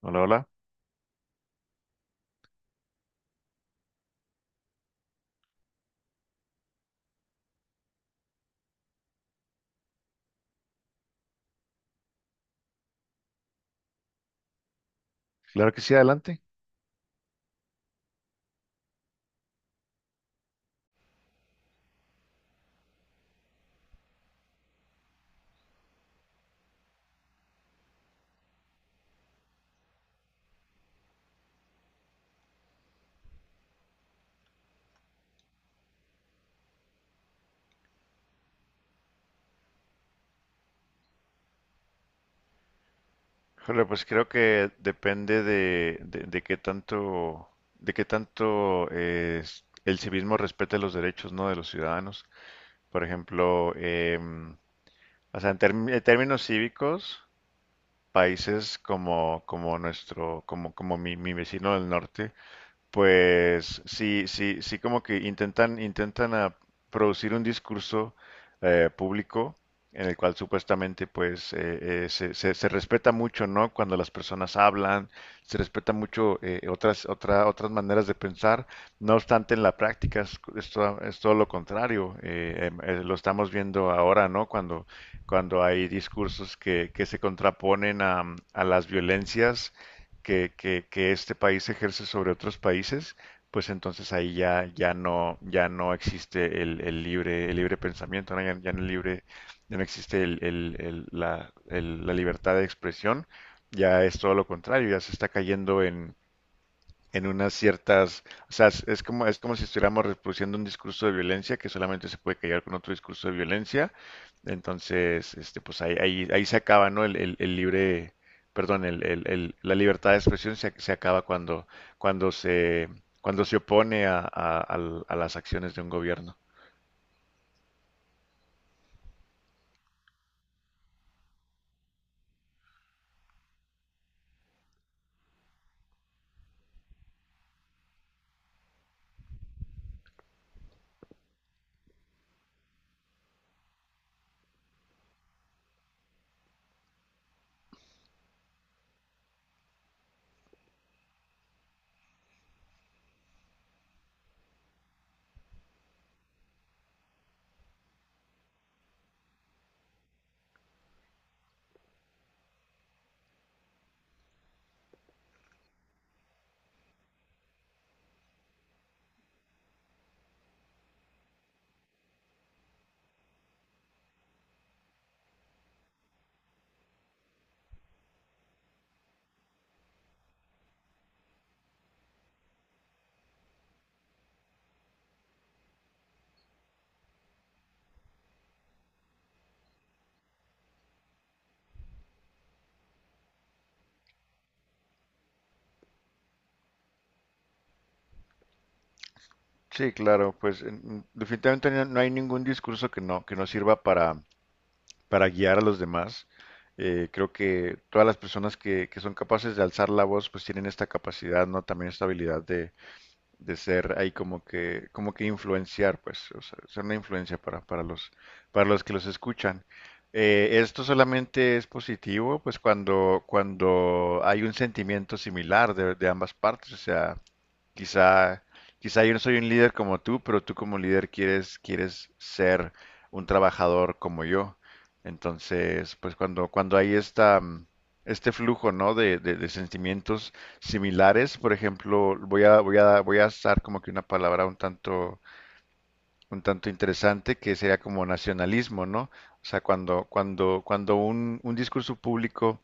Hola, hola. Claro que sí, adelante. Híjole, pues creo que depende de, de qué tanto, de qué tanto el civismo respete los derechos, ¿no? De los ciudadanos. Por ejemplo, o sea, en, en términos cívicos, países como, como nuestro, como, como mi vecino del norte, pues sí, sí, sí, como que intentan, intentan producir un discurso público en el cual supuestamente pues se, se respeta mucho, ¿no? Cuando las personas hablan, se respeta mucho otras, otras maneras de pensar. No obstante, en la práctica es todo lo contrario. Lo estamos viendo ahora, ¿no? Cuando, cuando hay discursos que se contraponen a las violencias que, que este país ejerce sobre otros países, pues entonces ahí ya, ya no, ya no existe el libre pensamiento, ¿no? Ya, ya no libre, ya no existe el, la, la libertad de expresión, ya es todo lo contrario, ya se está cayendo en unas ciertas, o sea, es como si estuviéramos reproduciendo un discurso de violencia que solamente se puede callar con otro discurso de violencia. Entonces, este, pues ahí, ahí, ahí se acaba, ¿no? El, el libre, perdón, la libertad de expresión se, se acaba cuando, cuando se, cuando se opone a, a las acciones de un gobierno. Sí, claro, pues definitivamente no hay ningún discurso que no sirva para guiar a los demás. Creo que todas las personas que son capaces de alzar la voz, pues tienen esta capacidad, ¿no? También esta habilidad de ser ahí como que influenciar, pues, o sea, ser una influencia para los que los escuchan. Esto solamente es positivo, pues, cuando, cuando hay un sentimiento similar de ambas partes, o sea, quizá, quizá yo no soy un líder como tú, pero tú como líder quieres, quieres ser un trabajador como yo. Entonces, pues cuando, cuando hay esta, este flujo, ¿no? De, de sentimientos similares. Por ejemplo, voy a, voy a, voy a usar como que una palabra un tanto interesante que sería como nacionalismo, ¿no? O sea, cuando, cuando, cuando un discurso público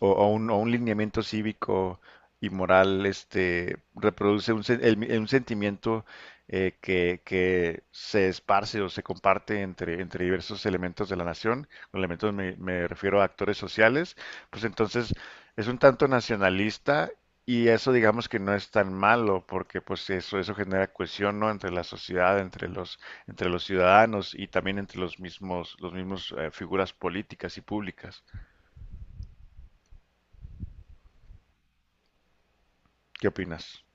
o un lineamiento cívico y moral, este, reproduce un, un sentimiento que se esparce o se comparte entre, entre diversos elementos de la nación. Con elementos me, me refiero a actores sociales, pues entonces es un tanto nacionalista y eso digamos que no es tan malo porque pues eso genera cohesión, ¿no? Entre la sociedad, entre los ciudadanos y también entre los mismos figuras políticas y públicas. ¿Qué opinas?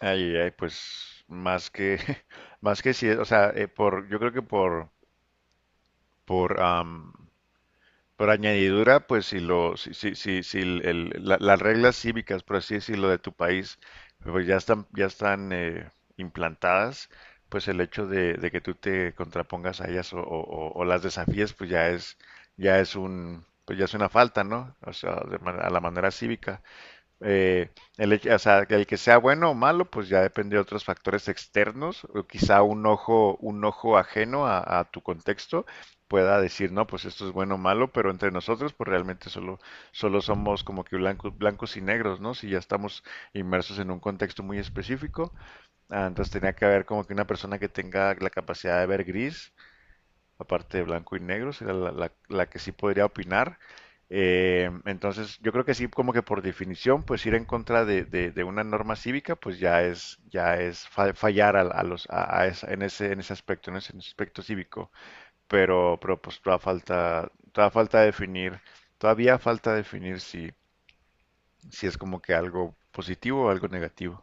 Ay, ay, pues más que, más que si, o sea, yo creo que por, por, am, por añadidura, pues si lo, si, si, si, si las reglas cívicas, por así decirlo, de tu país, pues ya están implantadas, pues el hecho de que tú te contrapongas a ellas o, o las desafíes, pues ya es un, pues ya es una falta, ¿no? O sea, de a la manera cívica. Eh, el, o sea, el que sea bueno o malo, pues ya depende de otros factores externos, o quizá un ojo ajeno a tu contexto pueda decir, no, pues esto es bueno o malo, pero entre nosotros, pues realmente solo, solo somos como que blancos, blancos y negros, ¿no? Si ya estamos inmersos en un contexto muy específico, ah, entonces tenía que haber como que una persona que tenga la capacidad de ver gris la parte de blanco y negro, será la, la que sí podría opinar. Entonces, yo creo que sí, como que por definición, pues ir en contra de, de una norma cívica, pues ya es fallar a los, a en ese aspecto cívico. Pero pues todavía falta definir si, si es como que algo positivo o algo negativo.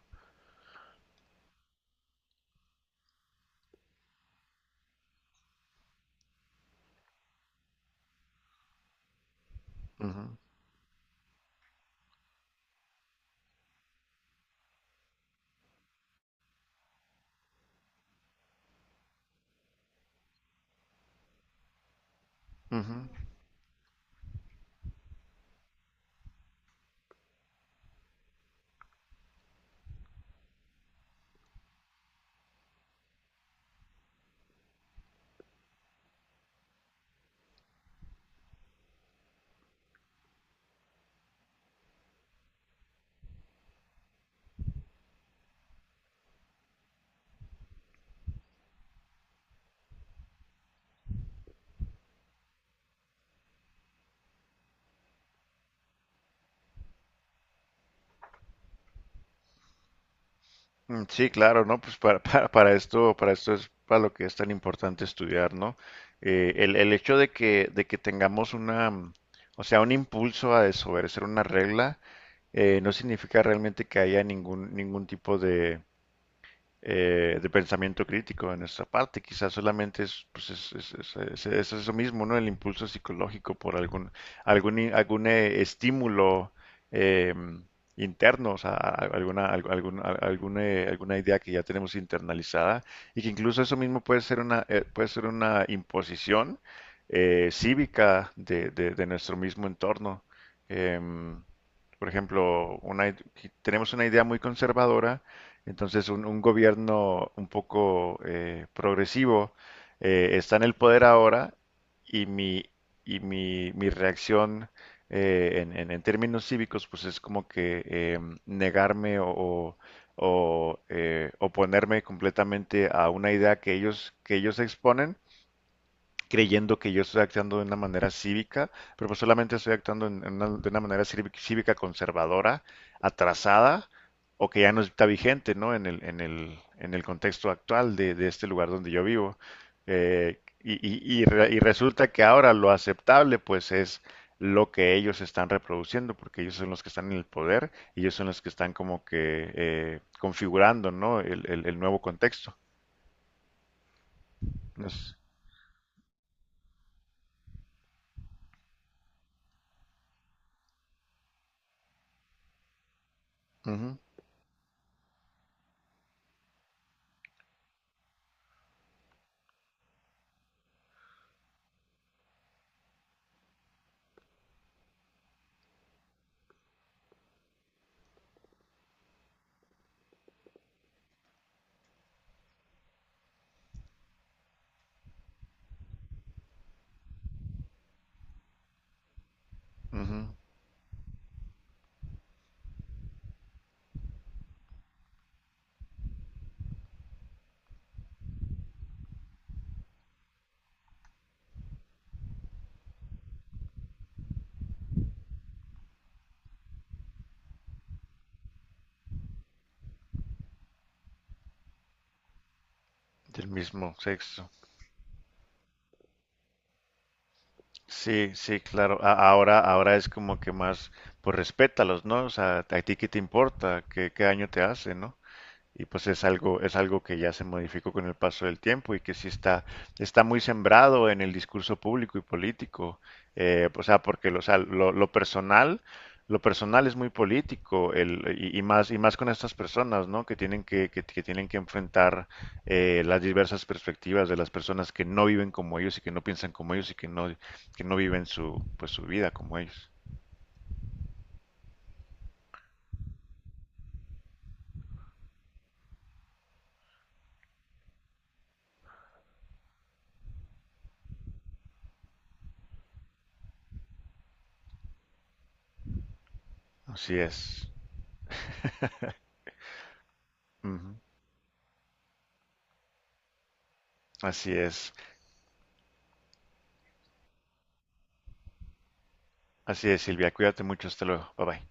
Ujú, ujú. Mm, sí, claro, ¿no? Pues para, para esto es para lo que es tan importante estudiar, ¿no? El hecho de que tengamos una, o sea, un impulso a desobedecer una regla, no significa realmente que haya ningún, ningún tipo de pensamiento crítico de nuestra parte. Quizás solamente es, pues es, es eso mismo, ¿no? El impulso psicológico por algún, algún, algún estímulo eh, interno, o sea, alguna, algún, alguna idea que ya tenemos internalizada y que incluso eso mismo puede ser una imposición cívica de, de nuestro mismo entorno. Em, por ejemplo, una, tenemos una idea muy conservadora. Entonces, un gobierno un poco progresivo está en el poder ahora y mi, y mi, mi reacción en, en términos cívicos, pues es como que negarme o, oponerme completamente a una idea que ellos exponen creyendo que yo estoy actuando de una manera cívica, pero pues solamente estoy actuando en de una manera cívica cívica conservadora, atrasada, o que ya no está vigente, ¿no? En el, en el, en el contexto actual de este lugar donde yo vivo. Y, y y resulta que ahora lo aceptable, pues, es lo que ellos están reproduciendo, porque ellos son los que están en el poder y ellos son los que están como que configurando, ¿no? El, el nuevo contexto. No sé. Ujú, ujú, del mismo sexo. Sí, sí, claro. Ahora, ahora es como que más, pues respétalos, ¿no? O sea, a ti qué te importa, qué, qué daño te hace, ¿no? Y pues es algo que ya se modificó con el paso del tiempo y que sí está, está muy sembrado en el discurso público y político. O sea, porque lo, o sea, lo personal es muy político, el, y más con estas personas, ¿no? Que tienen que, que tienen que enfrentar las diversas perspectivas de las personas que no viven como ellos y que no piensan como ellos y que no viven su, pues su vida como ellos. Así es. Ujú. Así es. Así es, Silvia. Cuídate mucho. Hasta luego. Bye bye.